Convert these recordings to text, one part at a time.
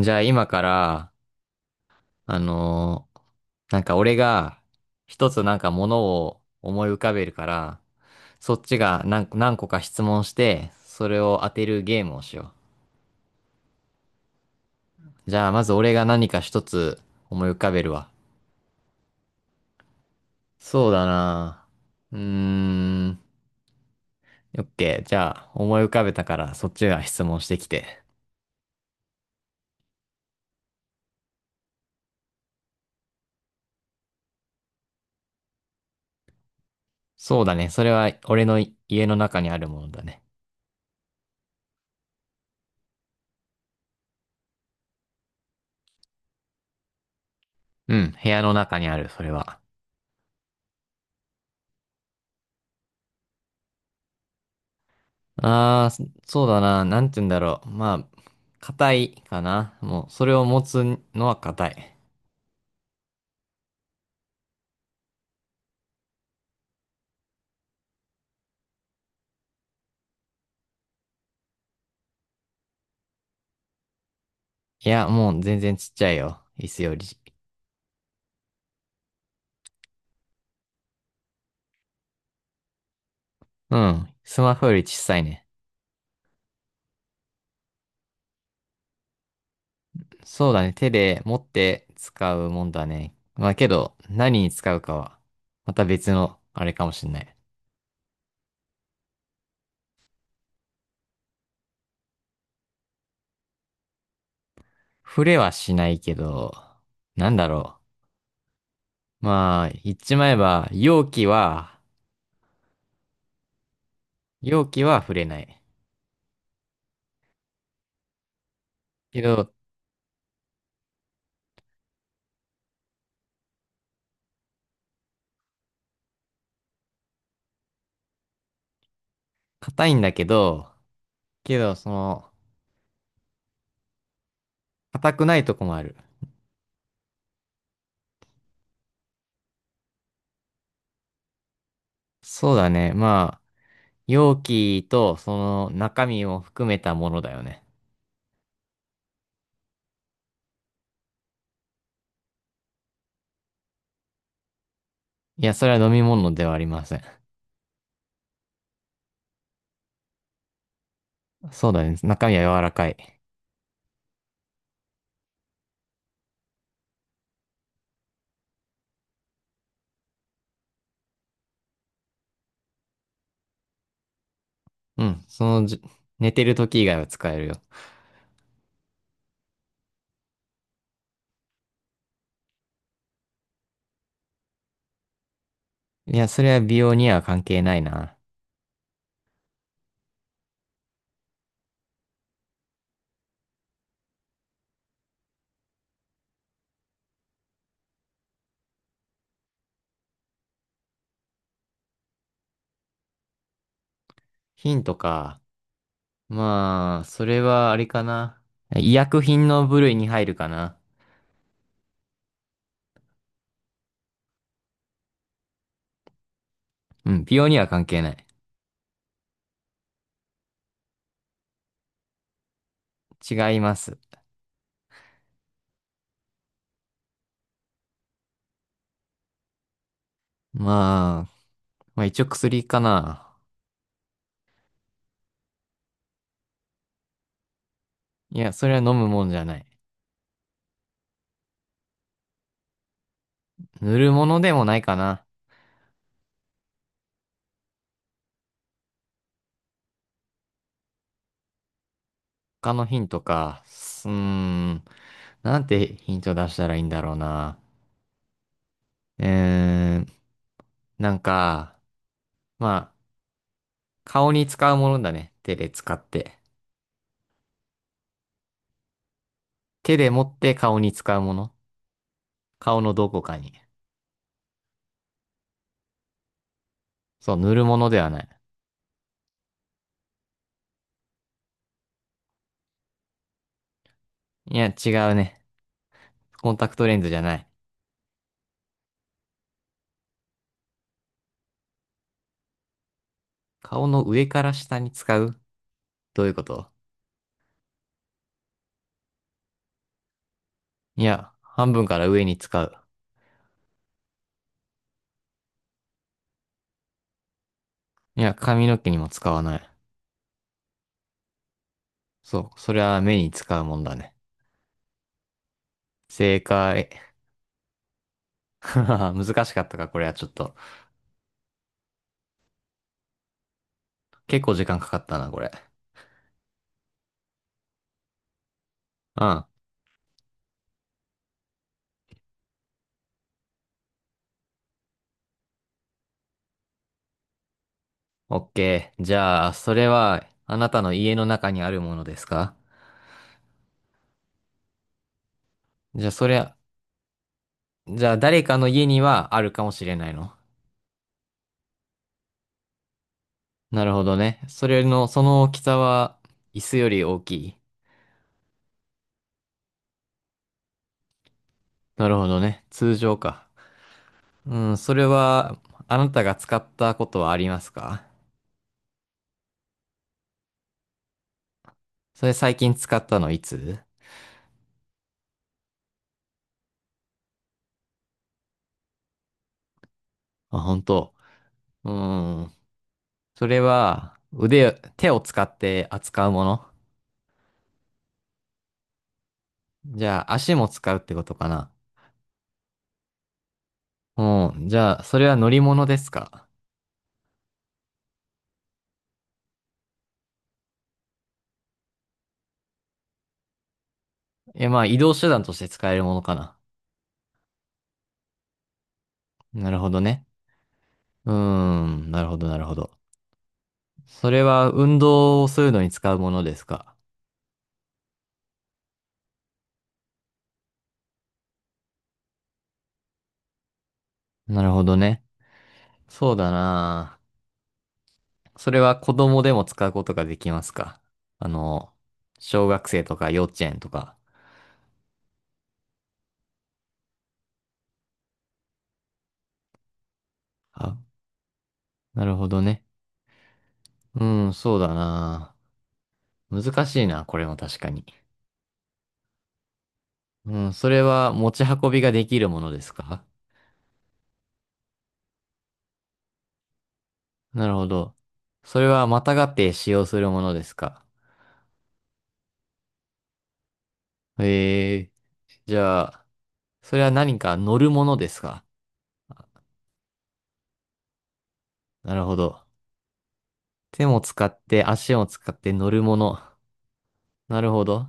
じゃあ今から、あのーなんか俺が一つなんかものを思い浮かべるから、そっちが何個か質問して、それを当てるゲームをしよう。じゃあまず俺が何か一つ思い浮かべるわ。そうだな。うーん。オッケー。じゃあ思い浮かべたからそっちが質問してきて。そうだね。それは俺の家の中にあるものだね。うん。部屋の中にある、それは。ああ、そうだな。なんて言うんだろう。まあ、硬いかな。もう、それを持つのは硬い。いや、もう全然ちっちゃいよ。椅子より。うん。スマホより小さいね。そうだね。手で持って使うもんだね。まあけど、何に使うかは、また別の、あれかもしんない。触れはしないけど、なんだろう。まあ、言っちまえば、容器は触れない。けど、硬いんだけど、硬くないとこもある。そうだね。まあ、容器とその中身を含めたものだよね。いや、それは飲み物ではありません。そうだね。中身は柔らかい。うん。そのじ、寝てる時以外は使えるよ。いや、それは美容には関係ないな。ヒントか。まあ、それはあれかな。医薬品の部類に入るかな。うん。美容には関係ない。違います。まあ、まあ一応薬かな。いや、それは飲むもんじゃない。塗るものでもないかな。他のヒントか。すうーん。なんてヒント出したらいいんだろうな。うーん。なんか、まあ、顔に使うものだね。手で使って。手で持って顔に使うもの。顔のどこかに。そう、塗るものではない。いや、違うね。コンタクトレンズじゃない。顔の上から下に使う？どういうこと？いや、半分から上に使う。いや、髪の毛にも使わない。そう、それは目に使うもんだね。正解。難しかったか、これはちょっと。結構時間かかったな、これ。うん。オッケー。じゃあ、それは、あなたの家の中にあるものですか？じゃあ、それは、じゃあ、誰かの家にはあるかもしれないの？なるほどね。その大きさは、椅子より大きい。なるほどね。通常か。うん、それは、あなたが使ったことはありますか？それ最近使ったのいつ？あ、本当。うん。それは、手を使って扱うもの？じゃあ、足も使うってことかな？うん。じゃあ、それは乗り物ですか？いや、まあ、移動手段として使えるものかな。なるほどね。うーん。なるほど、なるほど。それは運動をするのに使うものですか？なるほどね。そうだな。それは子供でも使うことができますか？あの、小学生とか幼稚園とか。あ、なるほどね。うん、そうだな。難しいな、これも確かに。うん、それは持ち運びができるものですか？なるほど。それはまたがって使用するものですか？ええ。じゃあ、それは何か乗るものですか？なるほど。手も使って足も使って乗るもの。なるほど。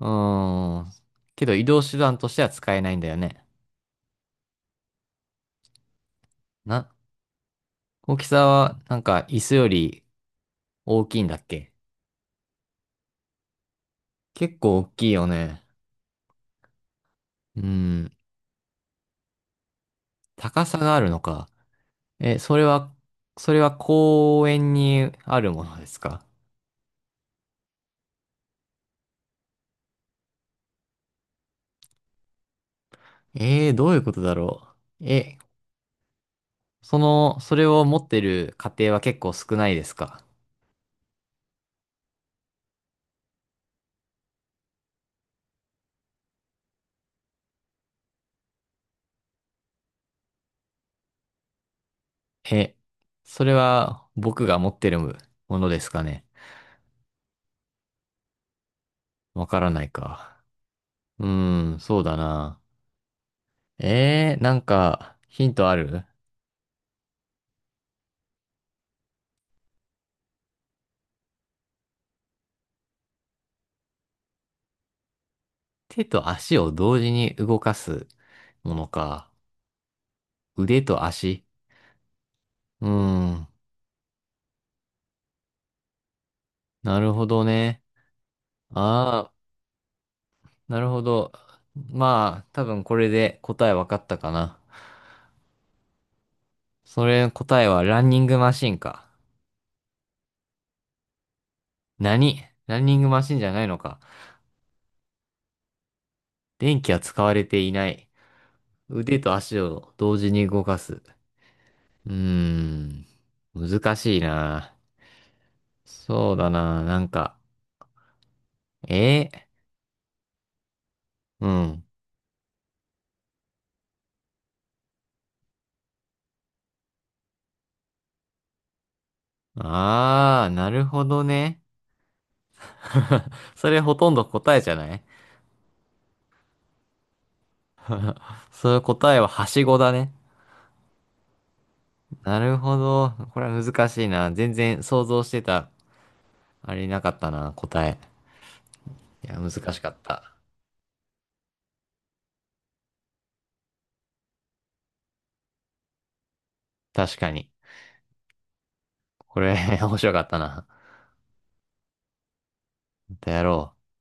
うーん。けど移動手段としては使えないんだよね。な、大きさはなんか椅子より大きいんだっけ？結構大きいよね。うーん。高さがあるのか。え、それは公園にあるものですか？ええー、どういうことだろう。え、その、それを持ってる家庭は結構少ないですか？え、それは僕が持ってるものですかね。わからないか。うーん、そうだな。なんか、ヒントある？手と足を同時に動かすものか。腕と足。うーん、なるほどね。ああ、なるほど。まあ、多分これで答えわかったかな。それの答えはランニングマシンか？何ランニングマシンじゃないのか？電気は使われていない。腕と足を同時に動かす。うーん。難しいな。そうだな。なんか、えうん。あー、なるほどね。それほとんど答えじゃない？それ答えははしごだね。なるほど。これは難しいな。全然想像してた、あれなかったな、答え。いや、難しかった。確かに。これ、面白かったな。またやろう。